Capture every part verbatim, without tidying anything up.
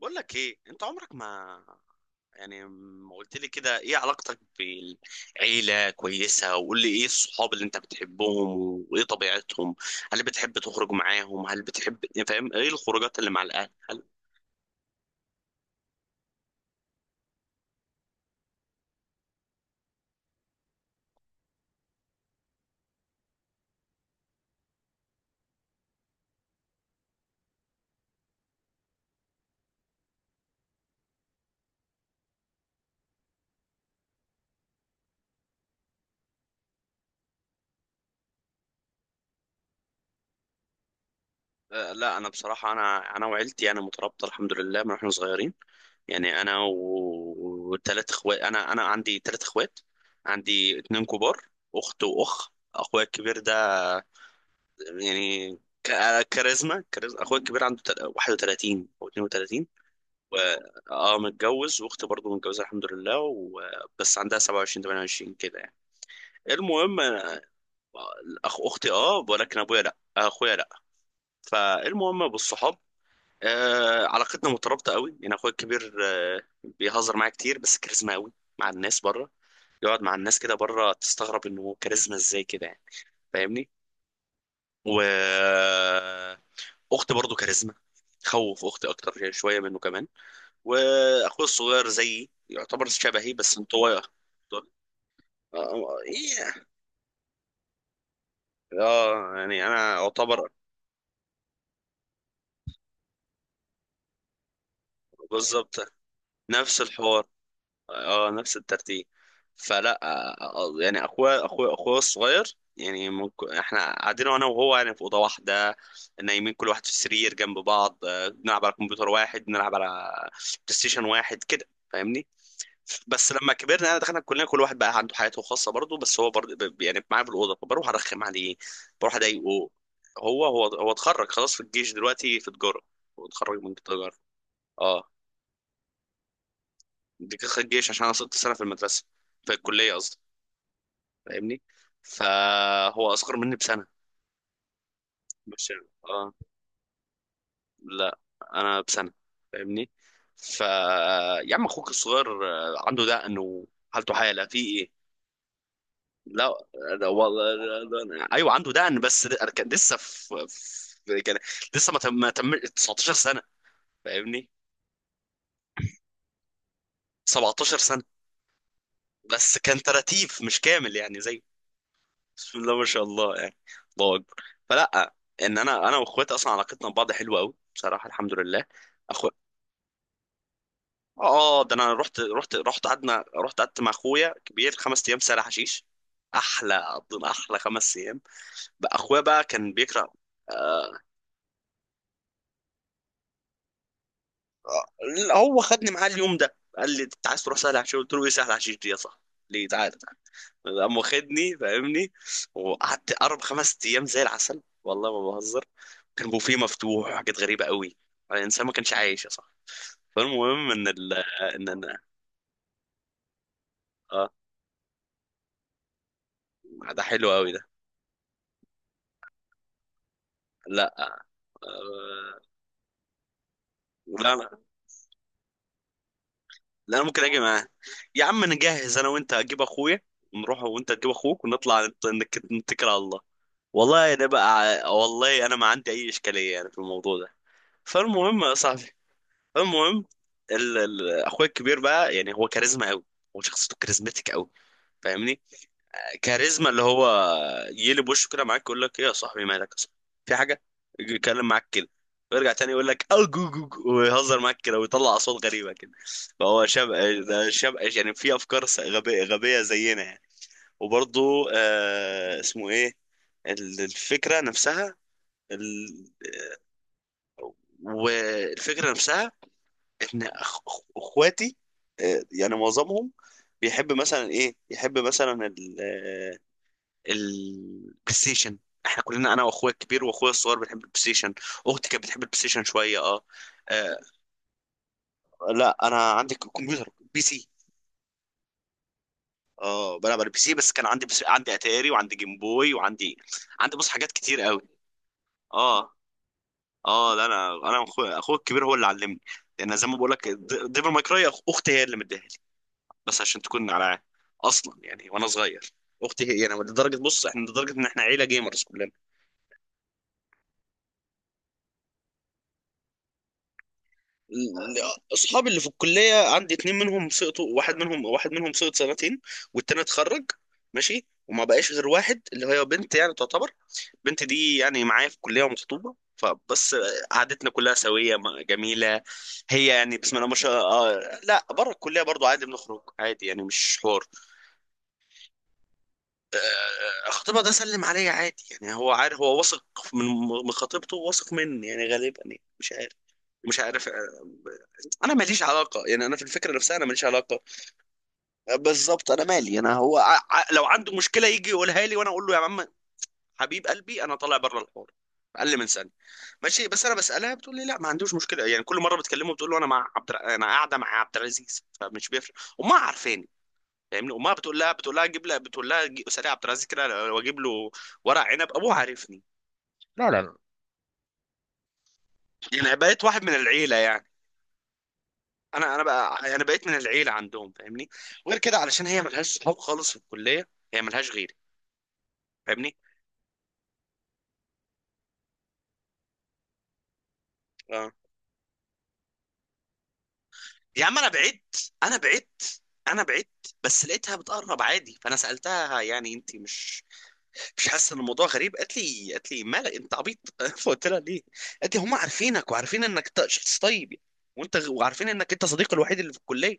بقول لك ايه؟ انت عمرك ما يعني ما قلت لي كده، ايه علاقتك بالعيلة؟ كويسة. وقول لي ايه الصحاب اللي انت بتحبهم وايه طبيعتهم، هل بتحب تخرج معاهم؟ هل بتحب يعني فاهم؟ ايه الخروجات اللي مع الاهل؟ هل آه، لا، انا بصراحة انا انا وعيلتي انا مترابطة الحمد لله من واحنا صغيرين، يعني انا و- وثلاث اخوات، انا انا عندي تلات اخوات، عندي اتنين كبار، اخت واخ. اخويا الكبير ده يعني ك- كاريزما كاريزما. اخويا الكبير عنده تل- واحد وثلاثين او اثنين وثلاثين و اه متجوز، واختي برضه متجوزه الحمد لله، و... بس عندها سبعة وعشرين، تمانية وعشرين كده، يعني المهم اخ اختي اه، ولكن ابويا لا، اخويا لا. فالمهم بالصحاب، آه، علاقتنا مترابطه قوي، يعني اخويا الكبير آه بيهزر معايا كتير، بس كاريزما قوي مع الناس بره. يقعد مع الناس كده بره تستغرب انه كاريزما ازاي كده، يعني فاهمني؟ و اخت برضه كاريزما. تخوف اختي اكتر يعني شويه منه كمان. واخوي الصغير زيي يعتبر شبهي، بس انطوائي أكتر. اه، إيه. آه، يعني انا اعتبر بالظبط نفس الحوار. اه، نفس الترتيب. فلا آه، آه، يعني اخويا اخويا اخويا الصغير، يعني ممكن احنا قاعدين انا وهو، يعني في اوضه واحده نايمين كل واحد في السرير جنب بعض، آه، بنلعب على كمبيوتر واحد، بنلعب على بلاي ستيشن واحد كده، فاهمني؟ بس لما كبرنا يعني دخلنا الكليه كل واحد بقى عنده حياته الخاصه برضه، بس هو برضه ب- يعني معايا في الاوضه فبروح ارخم عليه، بروح اضايقه. هو هو هو اتخرج خلاص، في الجيش دلوقتي، في تجاره. هو اتخرج من تجاره، اه. دي كان الجيش عشان انا صرت سنه في المدرسه، في الكليه قصدي، فاهمني؟ فهو اصغر مني بسنه. مش اه، لا، انا بسنه. فاهمني؟ ف يا عم اخوك الصغير آه، عنده دقن وحالته حاله في ايه؟ لا، ده والله ده- ده- ايوه عنده دقن، بس ده- كان لسه في، في كان لسه ما تم ما تم 19 سنه، فاهمني؟ 17 سنه. بس كان تراتيف مش كامل، يعني زي بسم الله ما شاء الله، يعني الله اكبر. فلا، ان انا انا واخواتي اصلا علاقتنا ببعض حلوه قوي بصراحه الحمد لله. اخو اه، ده انا رحت رحت رحت قعدنا، رحت قعدت مع اخويا كبير خمس ايام سهل حشيش، احلى احلى خمس ايام. بقى اخويا بقى كان بيكره. آه، لا، هو خدني معاه اليوم ده، قال لي انت عايز تروح سهل حشيش؟ قلت له ايه سهل حشيش دي يا صاحبي؟ ليه؟ تعالى تعالى. قام واخدني، فاهمني؟ وقعدت اربع، خمس ايام زي العسل، والله ما بهزر. كان بوفيه مفتوح وحاجات غريبه قوي. الانسان ما كانش عايش يا صاحبي. فالمهم ان ال ان انا اه، ده حلو قوي ده. لا آه، لا لا لا انا ممكن اجي معاه. يا عم نجهز انا وانت، اجيب اخويا نروح وانت تجيب اخوك ونطلع نت- نك- نتكل على الله. والله انا بقى، والله انا ما عندي اي اشكاليه يعني في الموضوع ده. فالمهم يا صاحبي، المهم، ال... ال... اخويا الكبير بقى، يعني هو كاريزما قوي، هو شخصيته كاريزماتيك قوي، فاهمني؟ كاريزما اللي هو يقلب وشه كده معاك، يقول لك ايه يا صاحبي، مالك يا صاحبي؟ في حاجه؟ يجي يتكلم معاك كده، ويرجع تاني يقول لك او جو جو جو، ويهزر معاك كده ويطلع اصوات غريبه كده. فهو شاب، ده شاب، يعني في افكار س- غبيه غبيه زينا، يعني وبرضه آه، اسمه ايه، ال- الفكره نفسها، ال... والفكره نفسها ان أخ... أخ- اخواتي آه، يعني معظمهم بيحب مثلا ايه، يحب مثلا ال... آه، البلاي ستيشن. احنا كلنا انا واخويا الكبير واخويا الصغير بنحب البلاي ستيشن. اختي كانت بتحب البلاي ستيشن شويه اه. آه، لا، انا عندي كمبيوتر بي سي. اه، بلعب على البي سي، بس كان عندي، بس عندي اتاري وعندي جيم بوي وعندي، عندي بص حاجات كتير قوي. اه، اه، لا، انا انا اخويا اخويا الكبير هو اللي علمني، لان زي ما بقول لك د- ديفل ماي كراي أخ- اختي هي اللي مديها لي بس عشان تكون على اصلا، يعني وانا صغير. اختي هي انا لدرجه، بص احنا لدرجه ان احنا عيله جيمرز كلنا. ال- اصحابي اللي في الكليه عندي اتنين منهم سقطوا، واحد منهم، واحد منهم سقط سنتين، والتاني اتخرج ماشي، وما بقاش غير واحد اللي هي بنت يعني تعتبر. البنت دي يعني معايا في الكلية ومخطوبة، فبس قعدتنا كلها سوية م- جميلة. هي يعني بسم الله ما شاء الله، آه، لا، بره الكلية برضو عادي، بنخرج عادي يعني مش حوار. آه، خطيبها ده سلم عليا عادي، يعني هو عارف، هو واثق من من خطيبته، واثق مني يعني غالبا، يعني مش عارف، مش عارف آه، انا ماليش علاقه، يعني انا في الفكره نفسها انا ماليش علاقه. آه، بالظبط، انا مالي انا، هو ع... ع- لو عنده مشكله يجي يقولها لي وانا اقول له يا عم حبيب قلبي، انا طالع بره الحوار. اقل من سنه ماشي. بس انا بسالها بتقول لي لا ما عندوش مشكله، يعني كل مره بتكلمه بتقول له انا مع عبد الع- انا قاعده مع عبد العزيز، فمش بيفرق. امها عارفاني، فاهمني؟ امها بتقول لها، بتقول لها جيب لها، بتقول لها جي- اسالي عبد العزيز كده واجيب له ورق عنب. ابوه عارفني، لا لا لا يعني بقيت واحد من العيله، يعني انا انا بقى انا بقيت من العيله عندهم، فاهمني؟ غير كده علشان هي ملهاش صحاب خالص في الكليه، هي ملهاش غيري، فاهمني؟ اه يا عم انا بعدت انا بعدت انا بعدت بس لقيتها بتقرب عادي، فانا سالتها يعني انت مش، مش حاسه ان الموضوع غريب؟ قالت لي، قالت لي مالك انت عبيط؟ فقلت لها ليه؟ قالت لي هم عارفينك وعارفين انك ط- شخص طيب يعني. وانت غ- وعارفين انك انت صديقي الوحيد اللي في الكليه.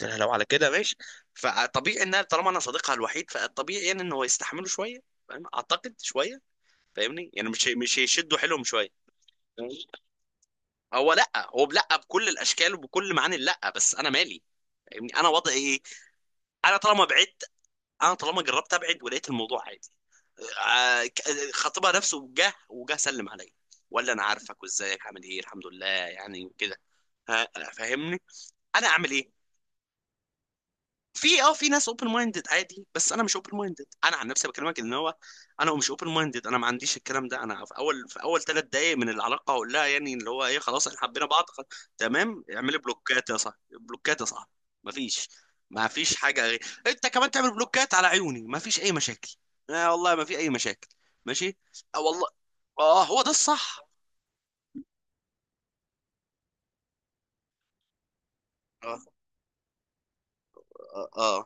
قلت لها لو على كده ماشي. فطبيعي انها طالما انا صديقها الوحيد، فالطبيعي يعني ان هو يستحملوا شويه، فاهم؟ اعتقد شويه، فاهمني؟ يعني مش هي- مش هيشدوا حيلهم شويه، فاهمني؟ هو لا، هو لا، بكل الاشكال وبكل معاني لا، بس انا مالي، فاهمني؟ انا وضعي ايه؟ انا طالما بعدت، انا طالما جربت ابعد ولقيت الموضوع عادي، خطيبها نفسه جه وجه سلم عليا ولا انا عارفك، وازيك عامل ايه الحمد لله يعني، وكده. ها فاهمني؟ انا اعمل ايه؟ في اه، في ناس اوبن مايندد عادي، بس انا مش اوبن مايندد انا عن نفسي بكلمك، ان هو انا مش اوبن مايندد، انا ما عنديش الكلام ده. انا في اول، في اول تلات دقائق من العلاقه اقول لها يعني اللي هو ايه، خلاص احنا حبينا بعض خلاص. تمام، اعملي بلوكات يا صاحبي، بلوكات يا صاحبي، ما فيش، ما فيش حاجه غير، انت كمان تعمل بلوكات على عيوني ما فيش اي مشاكل. آه، والله ما في اي مشاكل، ماشي، اه والله، اه هو ده الصح. اه، اه،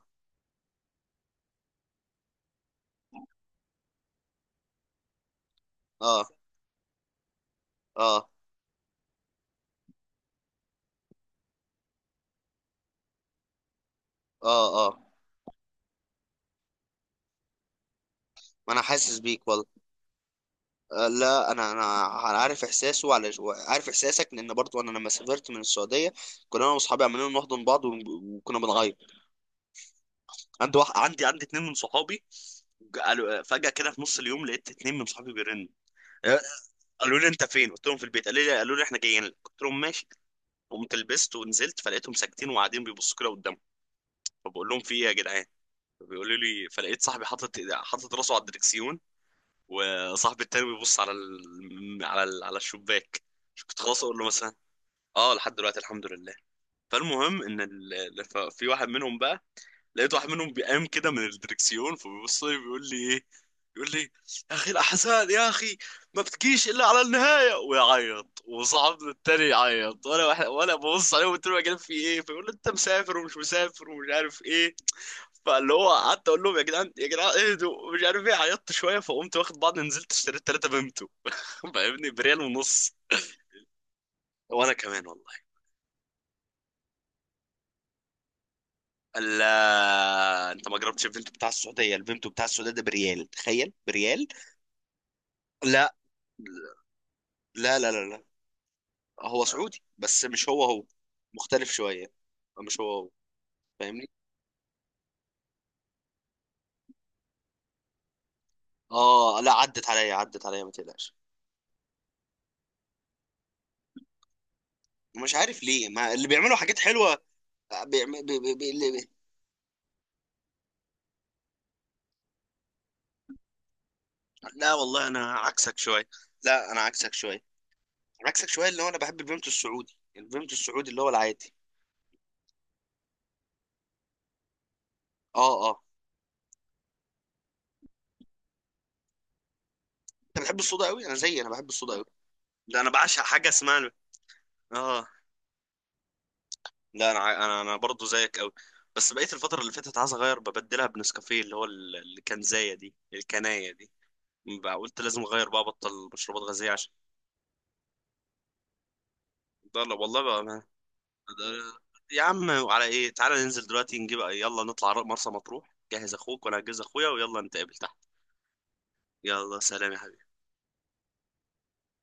اه، اه، اه، اه، آه، آه. ما انا حاسس بيك والله، آه، لا انا انا عارف احساسه على، عارف احساسك، لان برضو انا لما سافرت من السعوديه، كنا انا واصحابي عمالين نحضن بعض ون- وكنا بنغير. عندي واحد، عندي، عندي اتنين من صحابي، قالوا فجاه كده في نص اليوم لقيت اتنين من صحابي بيرنوا، آه، قالوا لي انت فين؟ قلت لهم في البيت، قالوا لي قالوا لي احنا جايين لك، قلت لهم ماشي. قمت لبست ونزلت، فلقيتهم ساكتين وقاعدين بيبصوا كده قدامهم، فبقول لهم في ايه يا جدعان؟ فبيقولوا لي، فلقيت صاحبي حاطط، حاطط راسه على الدركسيون، وصاحبي التاني بيبص على ال... على ال... على الشباك. كنت خلاص اقول له مثلا اه لحد دلوقتي الحمد لله. فالمهم ان ال... ال- ف- في واحد منهم بقى، لقيت واحد منهم بيقام كده من الدركسيون، فبيبص لي بيقول لي ايه، بيقول لي يا اخي الاحزان يا اخي ما بتجيش الا على النهايه، ويعيط، وصاحبنا التاني يعيط، وانا واحد وانا ببص عليه وقلت له يا جدعان في ايه؟ فيقول لي انت مسافر ومش مسافر ومش عارف ايه. فاللي هو قعدت اقول لهم يا جدعان، يا جدعان اهدوا مش عارف ايه، عيطت شويه فقمت واخد بعض نزلت اشتريت تلاته بيمتو فاهمني؟ بريال ونص وانا كمان والله. لا انت ما جربتش الفينتو بتاع السعوديه، الفينتو بتاع السعوديه ده بريال، تخيل، بريال. لا لا لا لا لا، هو سعودي بس مش هو هو، مختلف شويه، مش هو هو، فاهمني؟ اه لا، عدت عليا عدت عليا ما تقلقش. مش عارف ليه ما اللي بيعملوا حاجات حلوه. بيعم... بي... بي... بي... اللي بي... لا والله انا عكسك شويه، لا انا عكسك شويه، عكسك شويه اللي هو انا بحب الفيمتو السعودي، الفيمتو السعودي اللي هو العادي. اه، اه. انت بتحب الصودا قوي، انا زيي، انا بحب الصودا قوي. ده انا بعشق حاجه اسمها اه لا انا ع- انا انا برضه زيك قوي. بس بقيت الفتره اللي فاتت عايز اغير ببدلها بنسكافيه اللي هو ال- الكنزايه دي، الكنايه دي، بقى قلت لازم اغير بقى، ابطل مشروبات غازيه عشان ده. لا والله بقى ما... ده- يا عم على ايه؟ تعالى ننزل دلوقتي نجيب، يلا نطلع مرسى مطروح، جهز اخوك وانا هجهز اخويا ويلا نتقابل تحت. يلا سلام يا حبيبي.